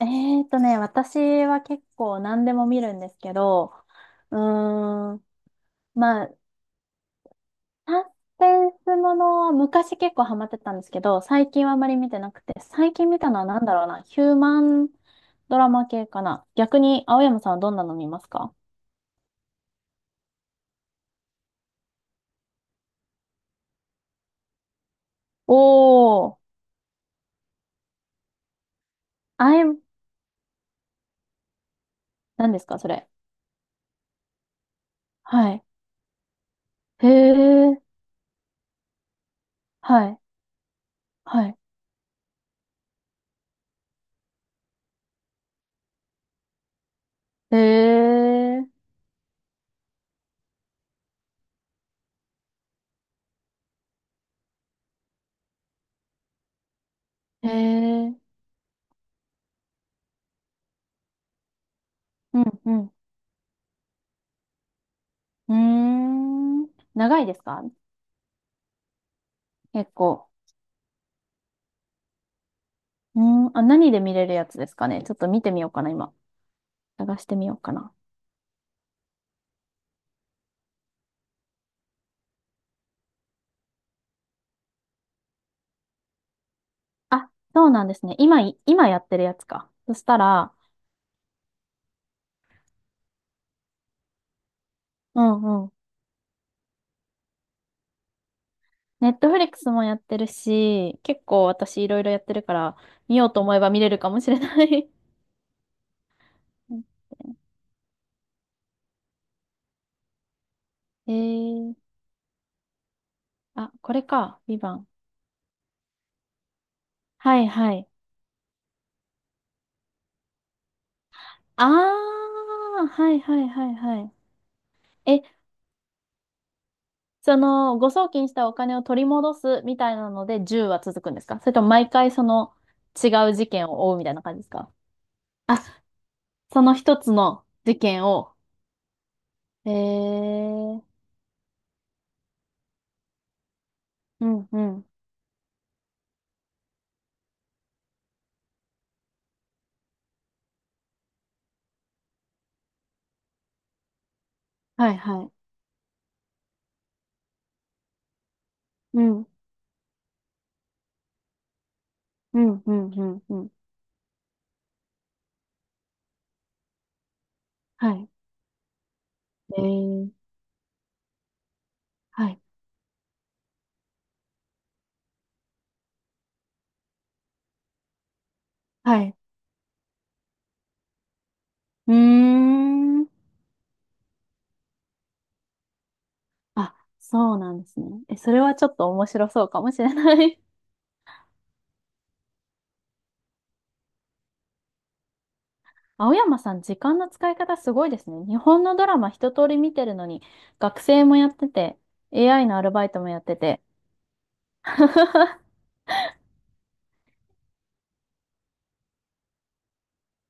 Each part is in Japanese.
私は結構何でも見るんですけど、うーん、まあ、サスペンスものは昔結構ハマってたんですけど、最近はあまり見てなくて、最近見たのは何だろうな、ヒューマンドラマ系かな。逆に、青山さんはどんなの見ますか？おー、あい、何ですか、それ。はい。へえ、はい、はい。へえ、へえ、うん、うん。うーん、長いですか？結構。うん、あ、何で見れるやつですかね。ちょっと見てみようかな、今。探してみようかな。あ、そうなんですね。今やってるやつか。そしたら、うんうん。ネットフリックスもやってるし、結構私いろいろやってるから、見ようと思えば見れるかもしれない。 うんえー、あ、これか。ビバン。はいはい。あー、はいはいはいはい。誤送金したお金を取り戻すみたいなので10は続くんですか？それとも毎回その違う事件を追うみたいな感じですか？あ、その一つの事件を。えー、うんうん。はいはい。うん、うん、うん、うん、うん。はい。えー、はい、はい。うーん。あ、そうなんですね。え、それはちょっと面白そうかもしれない。青山さん、時間の使い方すごいですね。日本のドラマ一通り見てるのに、学生もやってて、AI のアルバイトもやってて。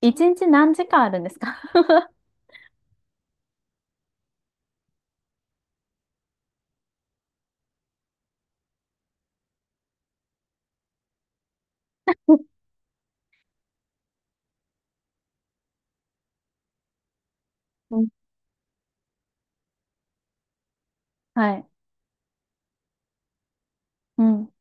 一日何時間あるんですか？ うんはい。うん。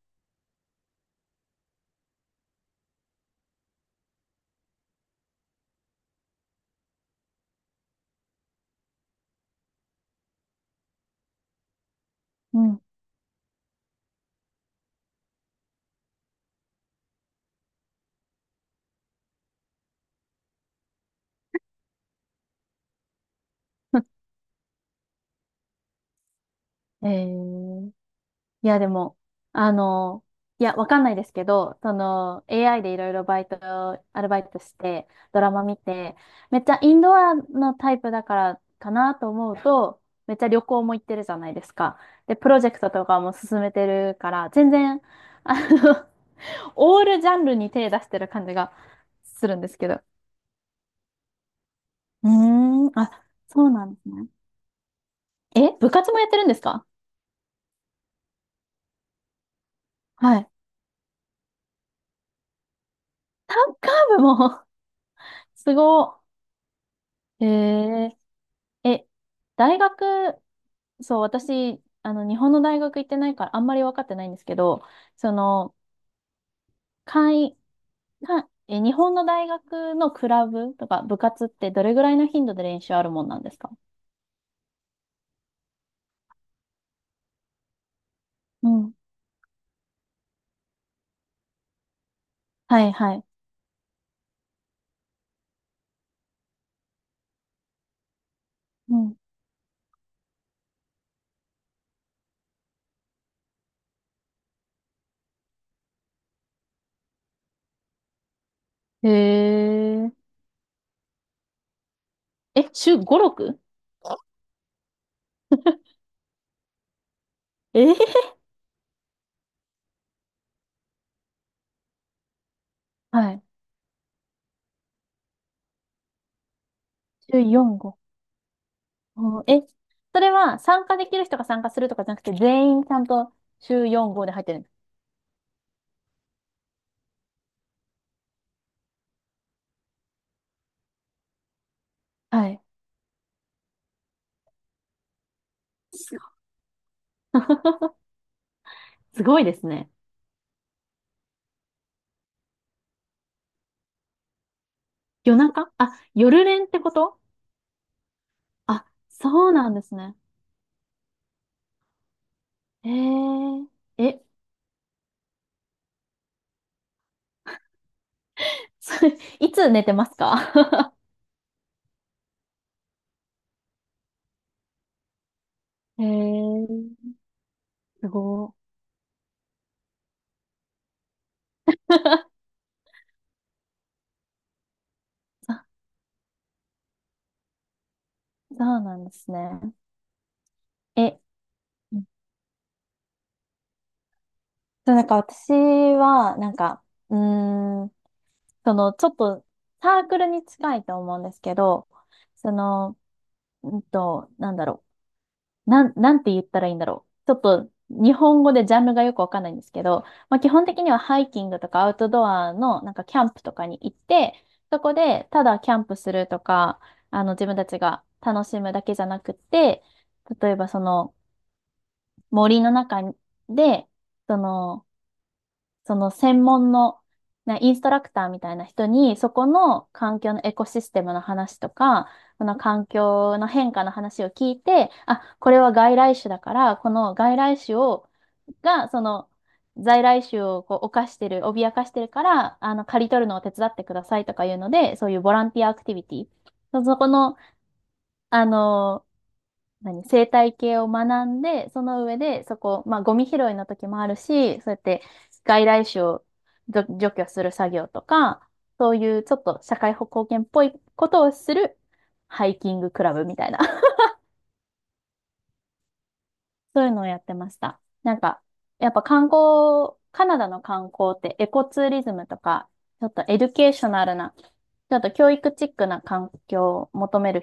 うん。えーいや、でも、あの、いや、わかんないですけど、AI でいろいろバイト、アルバイトして、ドラマ見て、めっちゃインドアのタイプだからかなと思うと、めっちゃ旅行も行ってるじゃないですか。で、プロジェクトとかも進めてるから、全然、あの、オールジャンルに手出してる感じがするんですけど。うーん、あ、そうなんですね。え、部活もやってるんですか？はい。サッカー部も すごいへええ、大学、そう、私、日本の大学行ってないから、あんまり分かってないんですけど、その、会、かえ、日本の大学のクラブとか部活ってどれぐらいの頻度で練習あるもんなんですか？うん。はい、はい。うん。へえ。え、週5、6？ えーはい。週4、5。うんえ、それは参加できる人が参加するとかじゃなくて、全員ちゃんと週4、5で入ってるんです。はい。すごい すごいですね。夜中あ、夜練ってこと？あ、そうなんですね。えー、え、それ、いつ寝てますか？ えー、すごい。あ、そうなんですね。え、うんそうなんか私は、なんか、うーん、ちょっと、サークルに近いと思うんですけど、その、なんだろう。なんて言ったらいいんだろう。ちょっと日本語でジャンルがよくわかんないんですけど、まあ、基本的にはハイキングとかアウトドアのなんかキャンプとかに行って、そこでただキャンプするとか、自分たちが楽しむだけじゃなくて、例えばその森の中で、そのその専門の、ね、インストラクターみたいな人に、そこの環境のエコシステムの話とか、この環境の変化の話を聞いて、あ、これは外来種だから、この外来種を、が、在来種をこう犯してる、脅かしてるから、刈り取るのを手伝ってくださいとかいうので、そういうボランティアアクティビティ。そそこの、あの何、生態系を学んで、その上で、まあ、ゴミ拾いの時もあるし、そうやって外来種を除去する作業とか、そういうちょっと社会貢献っぽいことをするハイキングクラブみたいな、そういうのをやってました。なんか、やっぱカナダの観光ってエコツーリズムとか、ちょっとエデュケーショナルな、ちょっと教育チックな環境を求める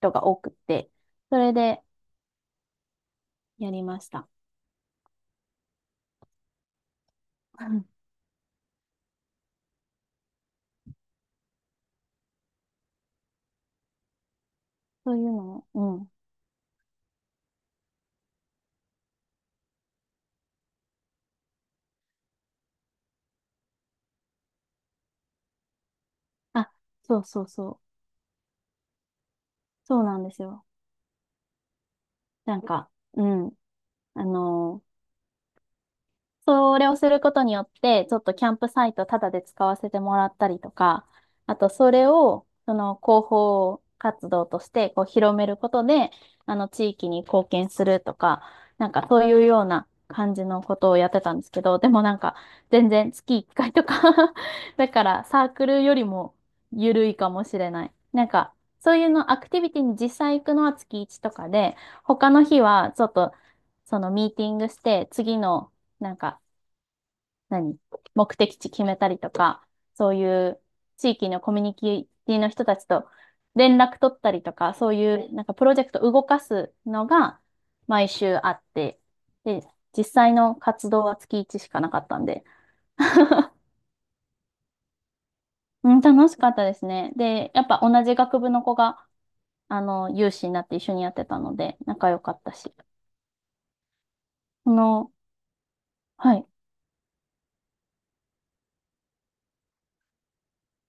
人が多くて、それでやりました。うんそういうのを、うん、あ、そうそうそう。そうなんですよ。なんか、うん。あの、それをすることによって、ちょっとキャンプサイトタダで使わせてもらったりとか、あとそれを、その広報活動としてこう広めることで、あの地域に貢献するとか、なんかそういうような感じのことをやってたんですけど、でもなんか全然月1回とか だからサークルよりも緩いかもしれない。なんかそういうのアクティビティに実際行くのは月1とかで、他の日はちょっとそのミーティングして、次のなんか、何目的地決めたりとか、そういう地域のコミュニティの人たちと連絡取ったりとか、そういうなんかプロジェクトを動かすのが毎週あって、で、実際の活動は月1しかなかったんで、うん、楽しかったですね。で、やっぱ同じ学部の子が、有志になって一緒にやってたので、仲良かったし。あの、はい。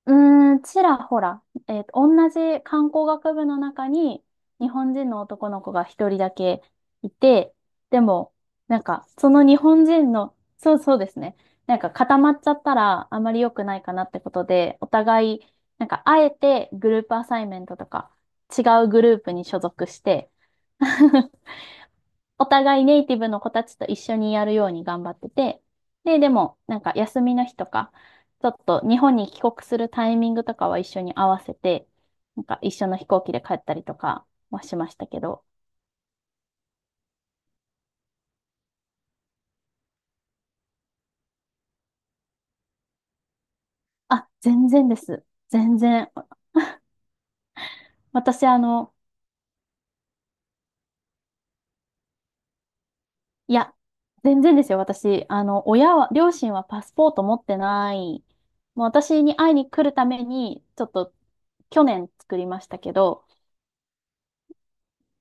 うーん、ちらほら、同じ観光学部の中に日本人の男の子が一人だけいて、でも、なんか、その日本人の、そうそうですね、なんか固まっちゃったらあまり良くないかなってことで、お互い、なんか、あえてグループアサイメントとか、違うグループに所属して お互いネイティブの子たちと一緒にやるように頑張ってて、で、でも、なんか休みの日とか、ちょっと日本に帰国するタイミングとかは一緒に合わせて、なんか一緒の飛行機で帰ったりとかはしましたけど、あ、全然です。全然。私、いや、全然ですよ。私、両親はパスポート持ってない。もう私に会いに来るために、ちょっと去年作りましたけど、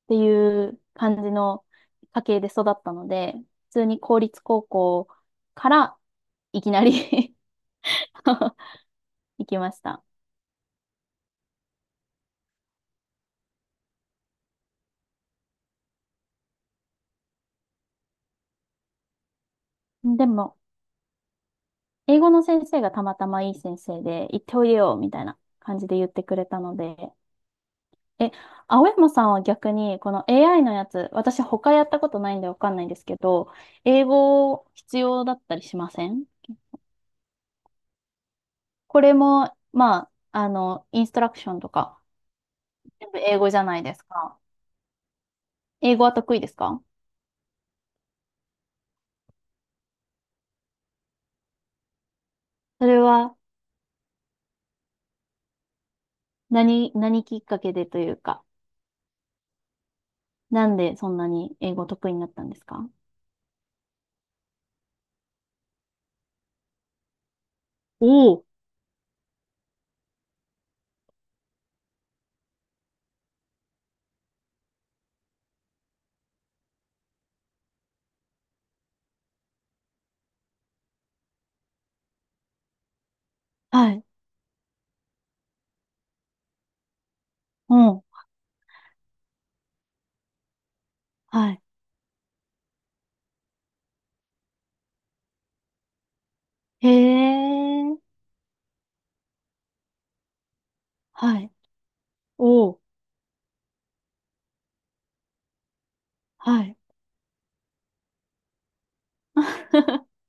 っていう感じの家系で育ったので、普通に公立高校からいきなり 行きました。でも、英語の先生がたまたまいい先生で、行っておいでよ、みたいな感じで言ってくれたので、え、青山さんは逆に、この AI のやつ、私他やったことないんでわかんないんですけど、英語必要だったりしません？これも、まあ、インストラクションとか、全部英語じゃないですか。英語は得意ですか？それは何きっかけでというか、なんでそんなに英語得意になったんですか？おお、はい。うん。はい。へえ。はい。おお。はい。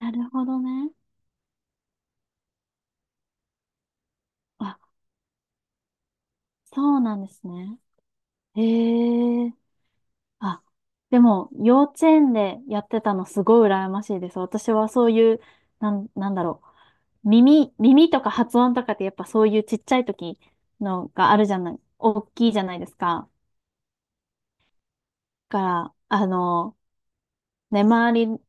なるほどね。あ、そうなんですね。へえ。あ、でも、幼稚園でやってたのすごい羨ましいです。私はそういう、なんだろう。耳とか発音とかってやっぱそういうちっちゃい時のがあるじゃない、大きいじゃないですか。から、ね、周り、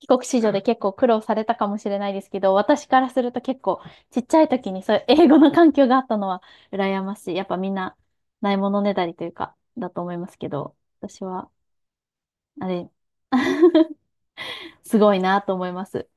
帰国子女で結構苦労されたかもしれないですけど、私からすると結構ちっちゃい時にそういう英語の環境があったのは羨ましい。やっぱみんなないものねだりというか、だと思いますけど、私は、あれ、すごいなと思います。